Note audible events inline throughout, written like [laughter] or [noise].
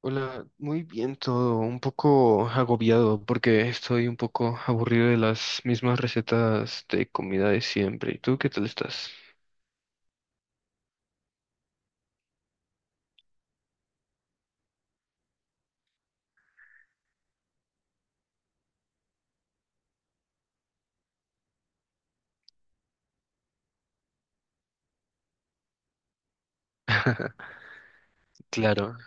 Hola, muy bien todo, un poco agobiado porque estoy un poco aburrido de las mismas recetas de comida de siempre. ¿Y tú qué tal estás? Claro.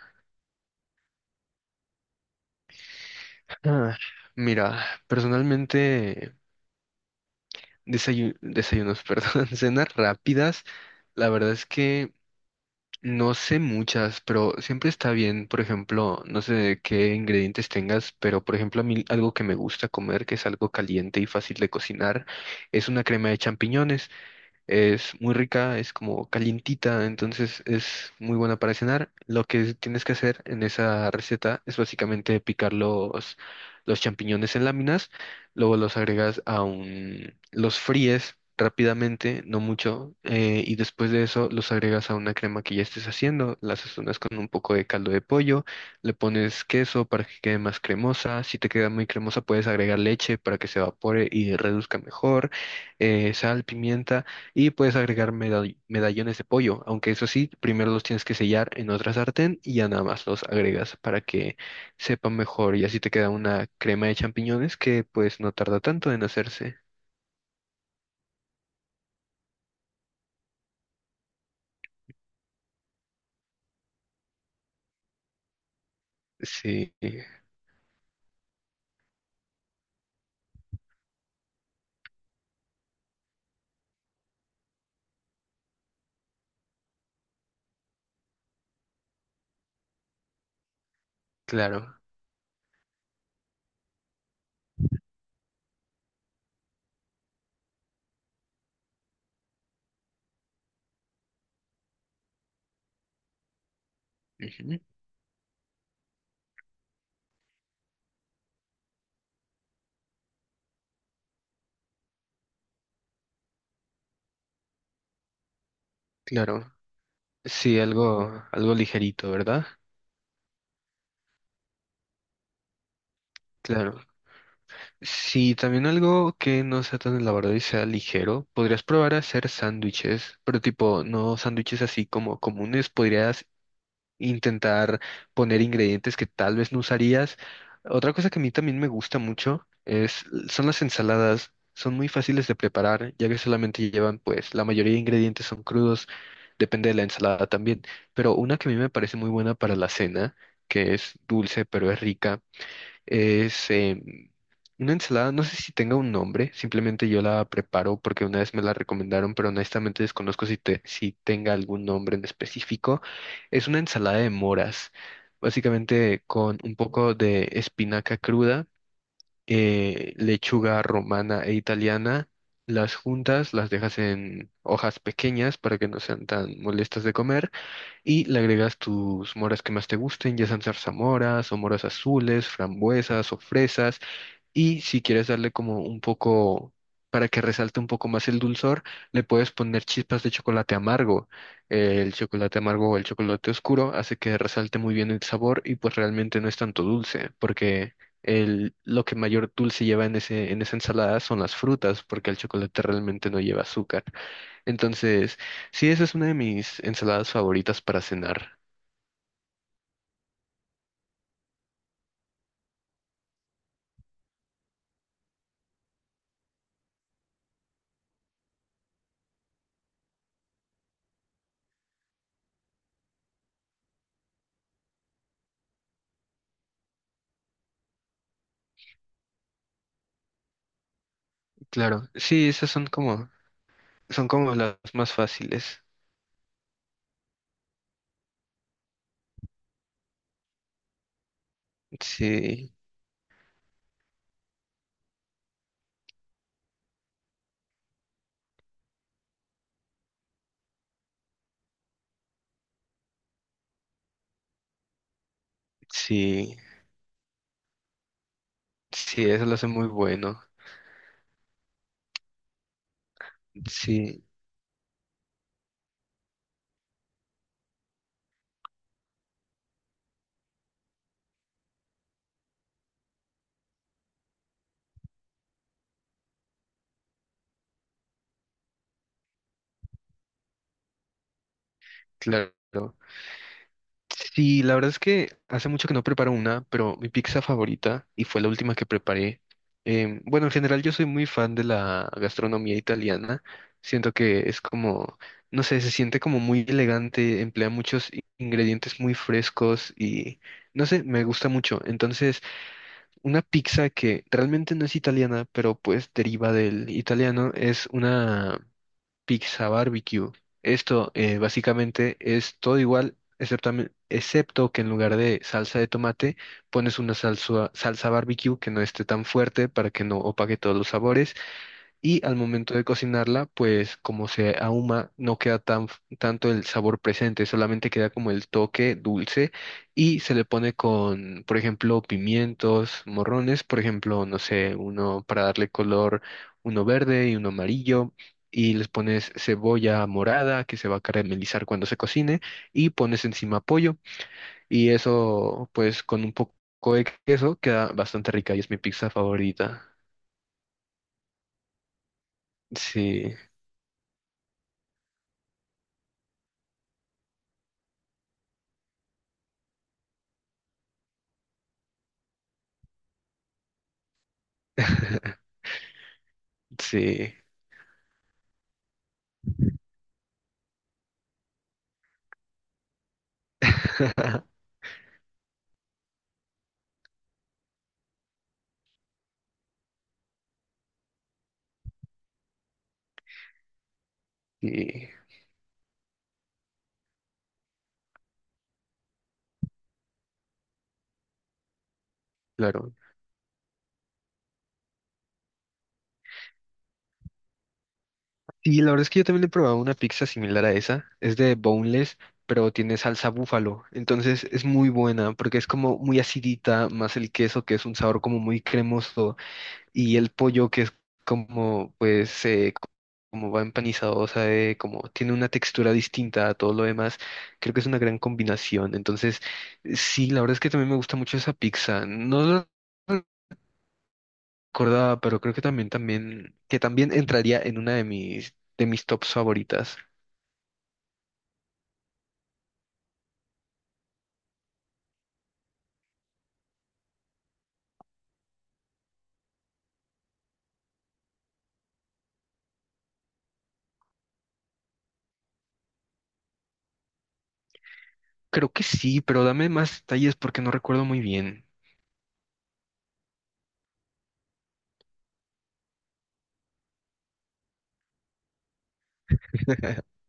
Ah, mira, personalmente desayunos, [laughs] perdón, cenas rápidas, la verdad es que no sé muchas, pero siempre está bien, por ejemplo, no sé qué ingredientes tengas, pero por ejemplo a mí algo que me gusta comer, que es algo caliente y fácil de cocinar, es una crema de champiñones. Es muy rica, es como calientita, entonces es muy buena para cenar. Lo que tienes que hacer en esa receta es básicamente picar los champiñones en láminas, luego los agregas a un, los fríes rápidamente, no mucho, y después de eso los agregas a una crema que ya estés haciendo, las sazonas con un poco de caldo de pollo, le pones queso para que quede más cremosa, si te queda muy cremosa puedes agregar leche para que se evapore y reduzca mejor, sal, pimienta y puedes agregar medallones de pollo, aunque eso sí, primero los tienes que sellar en otra sartén y ya nada más los agregas para que sepan mejor y así te queda una crema de champiñones que pues no tarda tanto en hacerse. Sí, claro. Ujú. Claro. Sí, algo, algo ligerito, ¿verdad? Claro. Sí, también algo que no sea tan elaborado y sea ligero, podrías probar a hacer sándwiches, pero tipo, no sándwiches así como comunes, podrías intentar poner ingredientes que tal vez no usarías. Otra cosa que a mí también me gusta mucho es, son las ensaladas. Son muy fáciles de preparar, ya que solamente llevan, pues, la mayoría de ingredientes son crudos, depende de la ensalada también. Pero una que a mí me parece muy buena para la cena, que es dulce pero es rica, es una ensalada, no sé si tenga un nombre, simplemente yo la preparo porque una vez me la recomendaron, pero honestamente desconozco si, si tenga algún nombre en específico. Es una ensalada de moras, básicamente con un poco de espinaca cruda, lechuga romana e italiana. Las juntas las dejas en hojas pequeñas para que no sean tan molestas de comer y le agregas tus moras que más te gusten, ya sean zarzamoras o moras azules, frambuesas o fresas. Y si quieres darle como un poco, para que resalte un poco más el dulzor, le puedes poner chispas de chocolate amargo. El chocolate amargo o el chocolate oscuro hace que resalte muy bien el sabor y pues realmente no es tanto dulce, porque lo que mayor dulce lleva en en esa ensalada son las frutas, porque el chocolate realmente no lleva azúcar. Entonces, sí, esa es una de mis ensaladas favoritas para cenar. Claro, sí, son como las más fáciles. Sí, sí, sí, eso lo hace muy bueno. Sí, claro. Sí, la verdad es que hace mucho que no preparo una, pero mi pizza favorita, y fue la última que preparé. Bueno, en general yo soy muy fan de la gastronomía italiana. Siento que es como, no sé, se siente como muy elegante, emplea muchos ingredientes muy frescos y, no sé, me gusta mucho. Entonces, una pizza que realmente no es italiana, pero pues deriva del italiano, es una pizza barbecue. Esto básicamente es todo igual, excepto, excepto que en lugar de salsa de tomate pones una salsa, salsa barbecue que no esté tan fuerte para que no opaque todos los sabores y al momento de cocinarla, pues como se ahuma, no queda tan tanto el sabor presente, solamente queda como el toque dulce y se le pone con, por ejemplo, pimientos, morrones, por ejemplo, no sé, uno para darle color, uno verde y uno amarillo. Y les pones cebolla morada que se va a caramelizar cuando se cocine y pones encima pollo y eso pues con un poco de queso queda bastante rica y es mi pizza favorita. Sí. [laughs] Sí. [laughs] Sí, claro. Sí, la verdad es que yo también he probado una pizza similar a esa. Es de boneless, pero tiene salsa búfalo. Entonces es muy buena porque es como muy acidita, más el queso que es un sabor como muy cremoso y el pollo que es como pues como va empanizado, o sea, como tiene una textura distinta a todo lo demás. Creo que es una gran combinación. Entonces, sí, la verdad es que también me gusta mucho esa pizza. No no, acordaba, pero creo que también, también, que también entraría en una de mis tops favoritas. Creo que sí, pero dame más detalles porque no recuerdo muy bien. [laughs]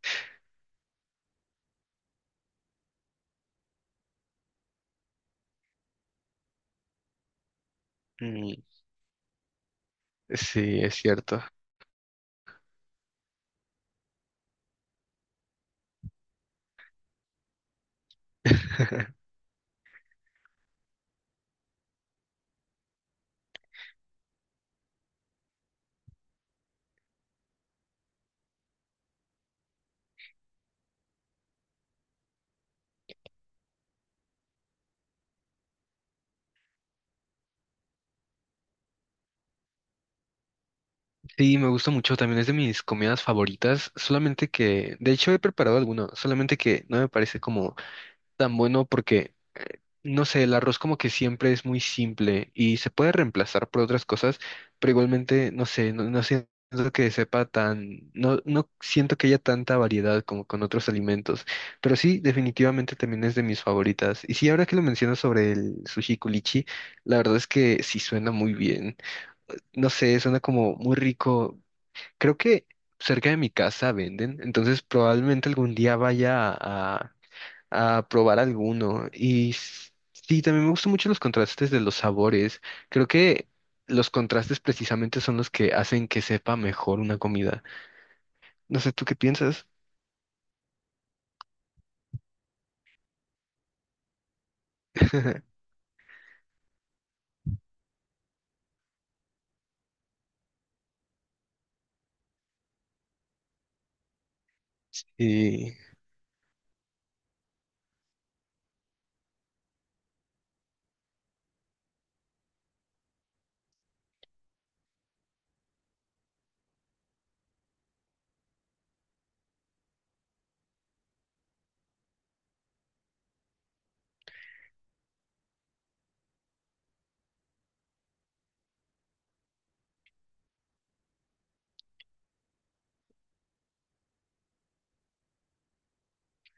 Mm. Sí, es cierto. [laughs] Sí, me gusta mucho, también es de mis comidas favoritas, solamente que, de hecho he preparado alguno, solamente que no me parece como tan bueno porque no sé, el arroz como que siempre es muy simple y se puede reemplazar por otras cosas, pero igualmente, no sé, no, no siento que sepa tan, no, no siento que haya tanta variedad como con otros alimentos, pero sí, definitivamente también es de mis favoritas. Y sí, ahora que lo mencionas sobre el sushi culichi, la verdad es que sí suena muy bien. No sé, suena como muy rico. Creo que cerca de mi casa venden, entonces probablemente algún día vaya a probar alguno. Y sí, también me gustan mucho los contrastes de los sabores. Creo que los contrastes precisamente son los que hacen que sepa mejor una comida. No sé, ¿tú qué piensas? [laughs] Y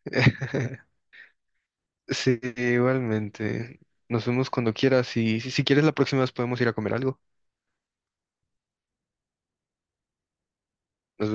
[laughs] sí, igualmente. Nos vemos cuando quieras y si quieres la próxima vez podemos ir a comer algo. Nos vemos.